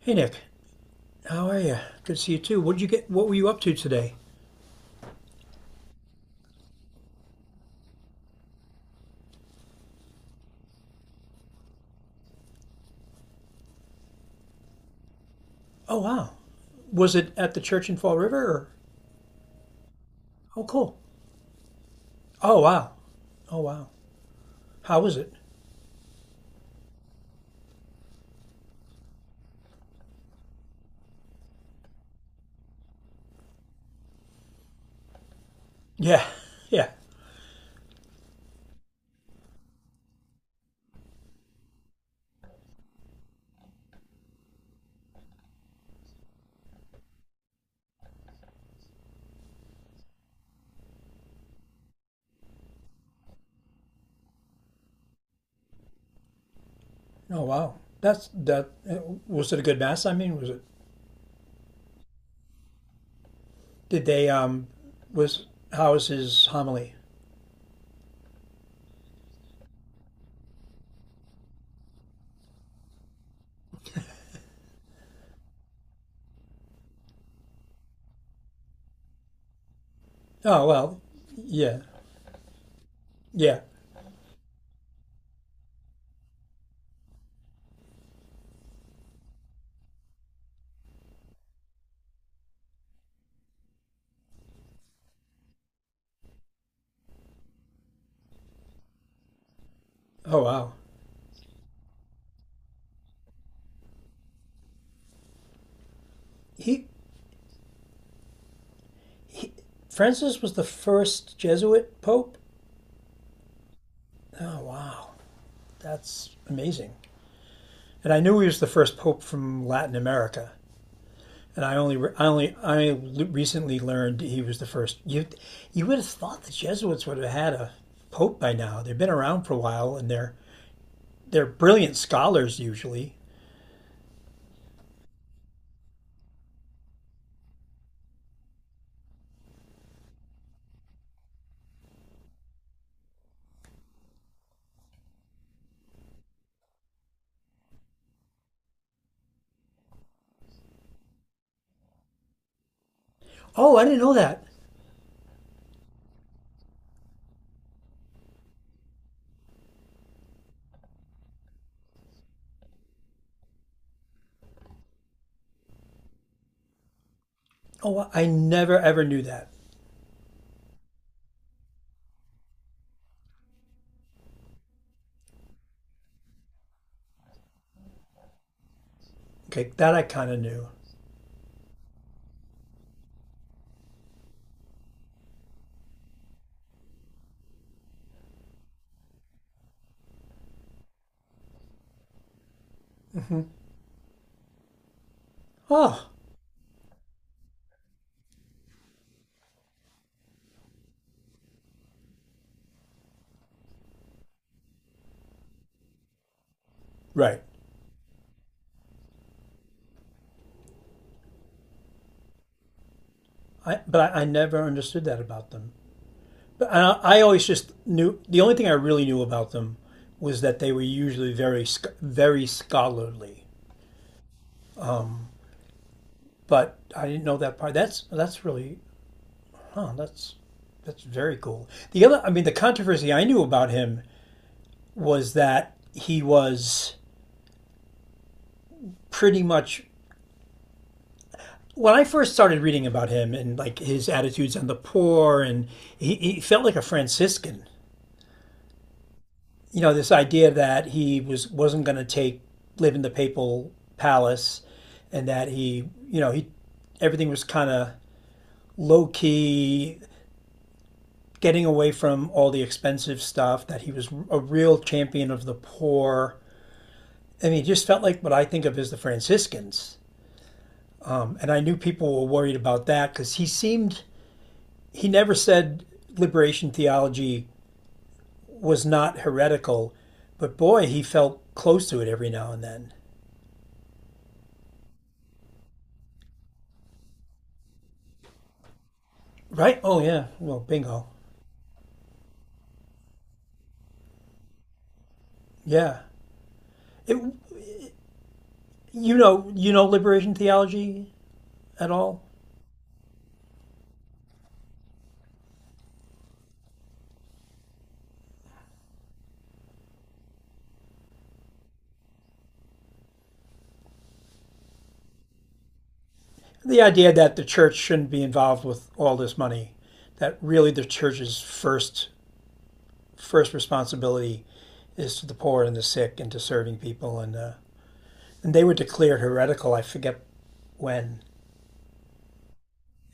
Hey Nick, how are you? Good to see you too. What did you get? What were you up to today? Oh wow, was it at the church in Fall River? Or? Oh cool. Oh wow. Oh wow. How was it? Yeah, yeah. Oh wow. That's that. Was it a good mass? I mean, was it? Did they um? Was how was his homily? Oh well, yeah, yeah. Oh wow. He, he, Francis was the first Jesuit pope. Oh wow, that's amazing. And I knew he was the first pope from Latin America. And I only, I only, I recently learned he was the first. You would have thought the Jesuits would have had a pope by now. They've been around for a while, and they're brilliant scholars usually. Oh, I didn't know that. Oh, I never ever knew that. Okay, that I kind of knew. Oh, right. I but I never understood that about them. But I always just knew the only thing I really knew about them was that they were usually very scholarly. But I didn't know that part. That's really huh, that's very cool. The other, I mean, the controversy I knew about him was that he was pretty much when I first started reading about him and like his attitudes on the poor, and he felt like a Franciscan. You know, this idea that he wasn't going to take live in the papal palace, and that he, you know, he everything was kind of low key, getting away from all the expensive stuff, that he was a real champion of the poor. I mean, he just felt like what I think of as the Franciscans. And I knew people were worried about that because he seemed, he never said liberation theology was not heretical, but boy, he felt close to it every now and then. Right? Oh, yeah. Well, bingo. Yeah. It, you know liberation theology at all? The idea that the church shouldn't be involved with all this money, that really the church's first responsibility is to the poor and the sick and to serving people and they were declared heretical. I forget when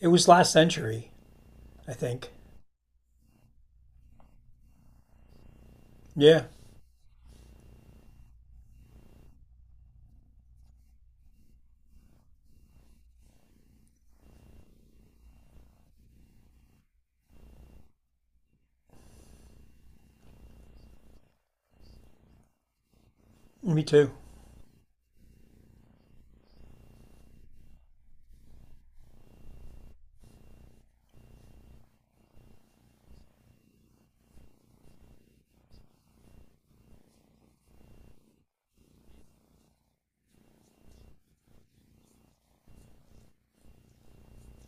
it was last century, I think. Yeah, me too.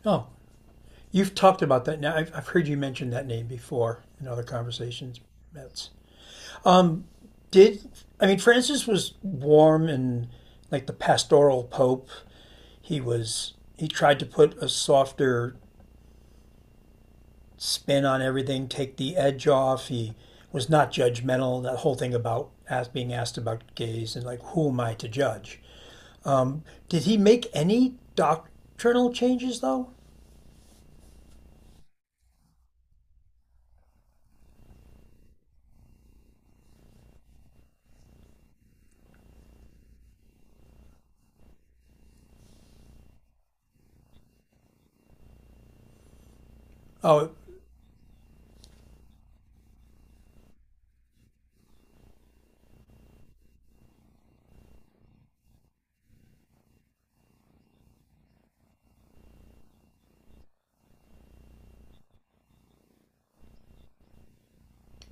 Oh, you've talked about that now. I've heard you mention that name before in other conversations. That's did I mean Francis was warm and like the pastoral pope he was he tried to put a softer spin on everything, take the edge off. He was not judgmental. That whole thing about ask, being asked about gays and like who am I to judge? Did he make any doctrinal changes though? Oh,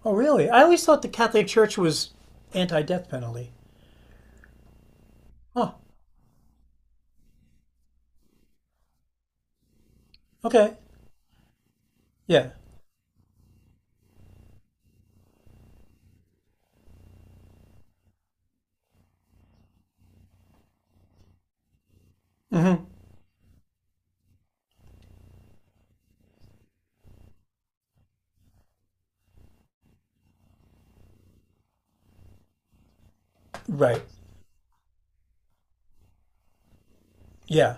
oh really? I always thought the Catholic Church was anti-death penalty. Oh, okay, yeah, hmm right, yeah,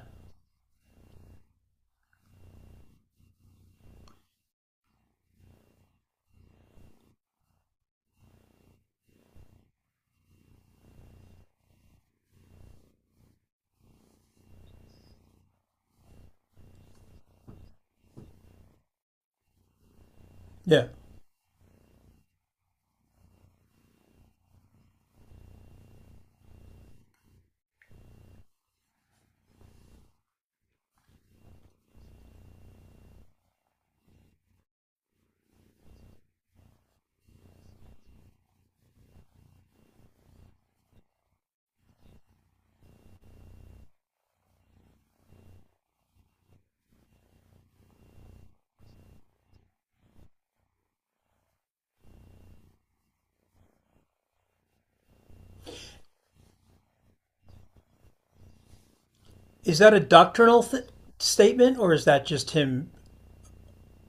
yeah. Is that a statement, or is that just him?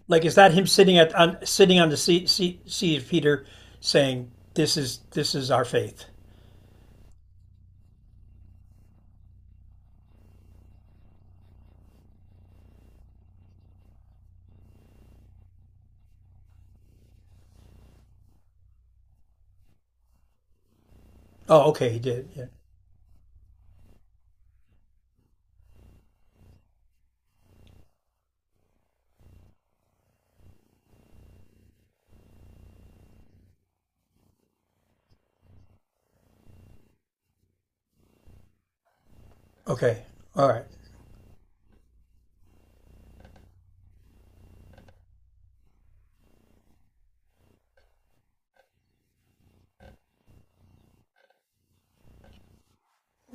Like, is that him sitting at on sitting on the seat of Peter, saying, this is our faith." Oh, okay, he did. Yeah. Okay. All right.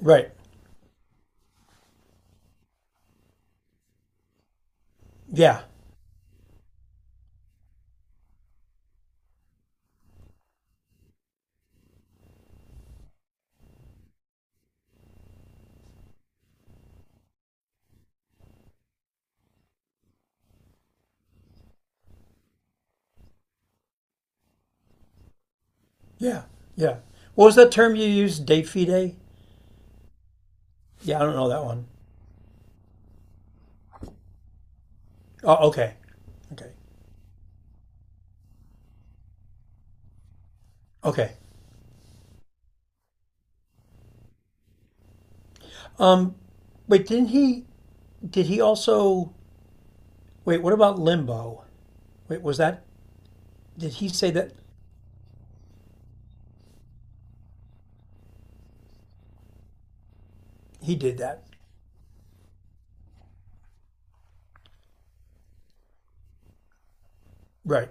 Right. Yeah. Yeah. Yeah. What was that term you used? De fide? Yeah, I don't know that one. Oh, okay. Okay. Okay. Um. Wait, didn't he? Did he also? Wait, what about limbo? Wait, was that? Did he say that he did that? Right.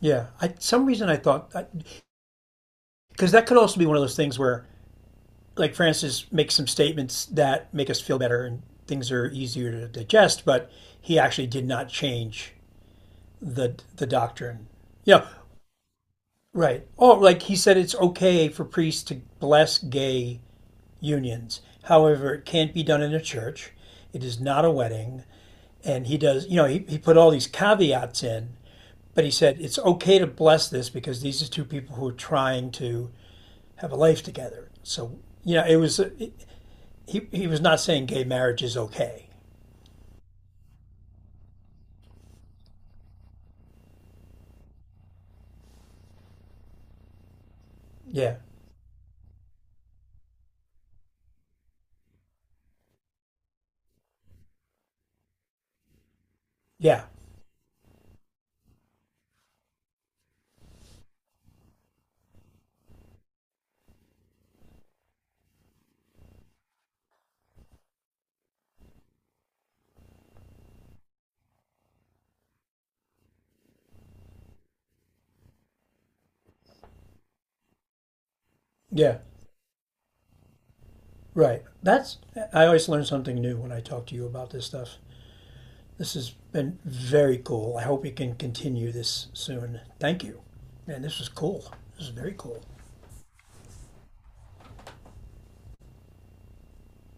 Yeah. I some reason I thought because that could also be one of those things where like Francis makes some statements that make us feel better and things are easier to digest, but he actually did not change the doctrine. You know, right. Oh, like he said it's okay for priests to bless gay unions. However, it can't be done in a church. It is not a wedding. And he does, you know, he put all these caveats in, but he said it's okay to bless this because these are two people who are trying to have a life together. So, you know, he was not saying gay marriage is okay. Yeah, yeah, yeah. Right. That's I always learn something new when I talk to you about this stuff. This has been very cool. I hope we can continue this soon. Thank you. Man, this was cool. This is very cool.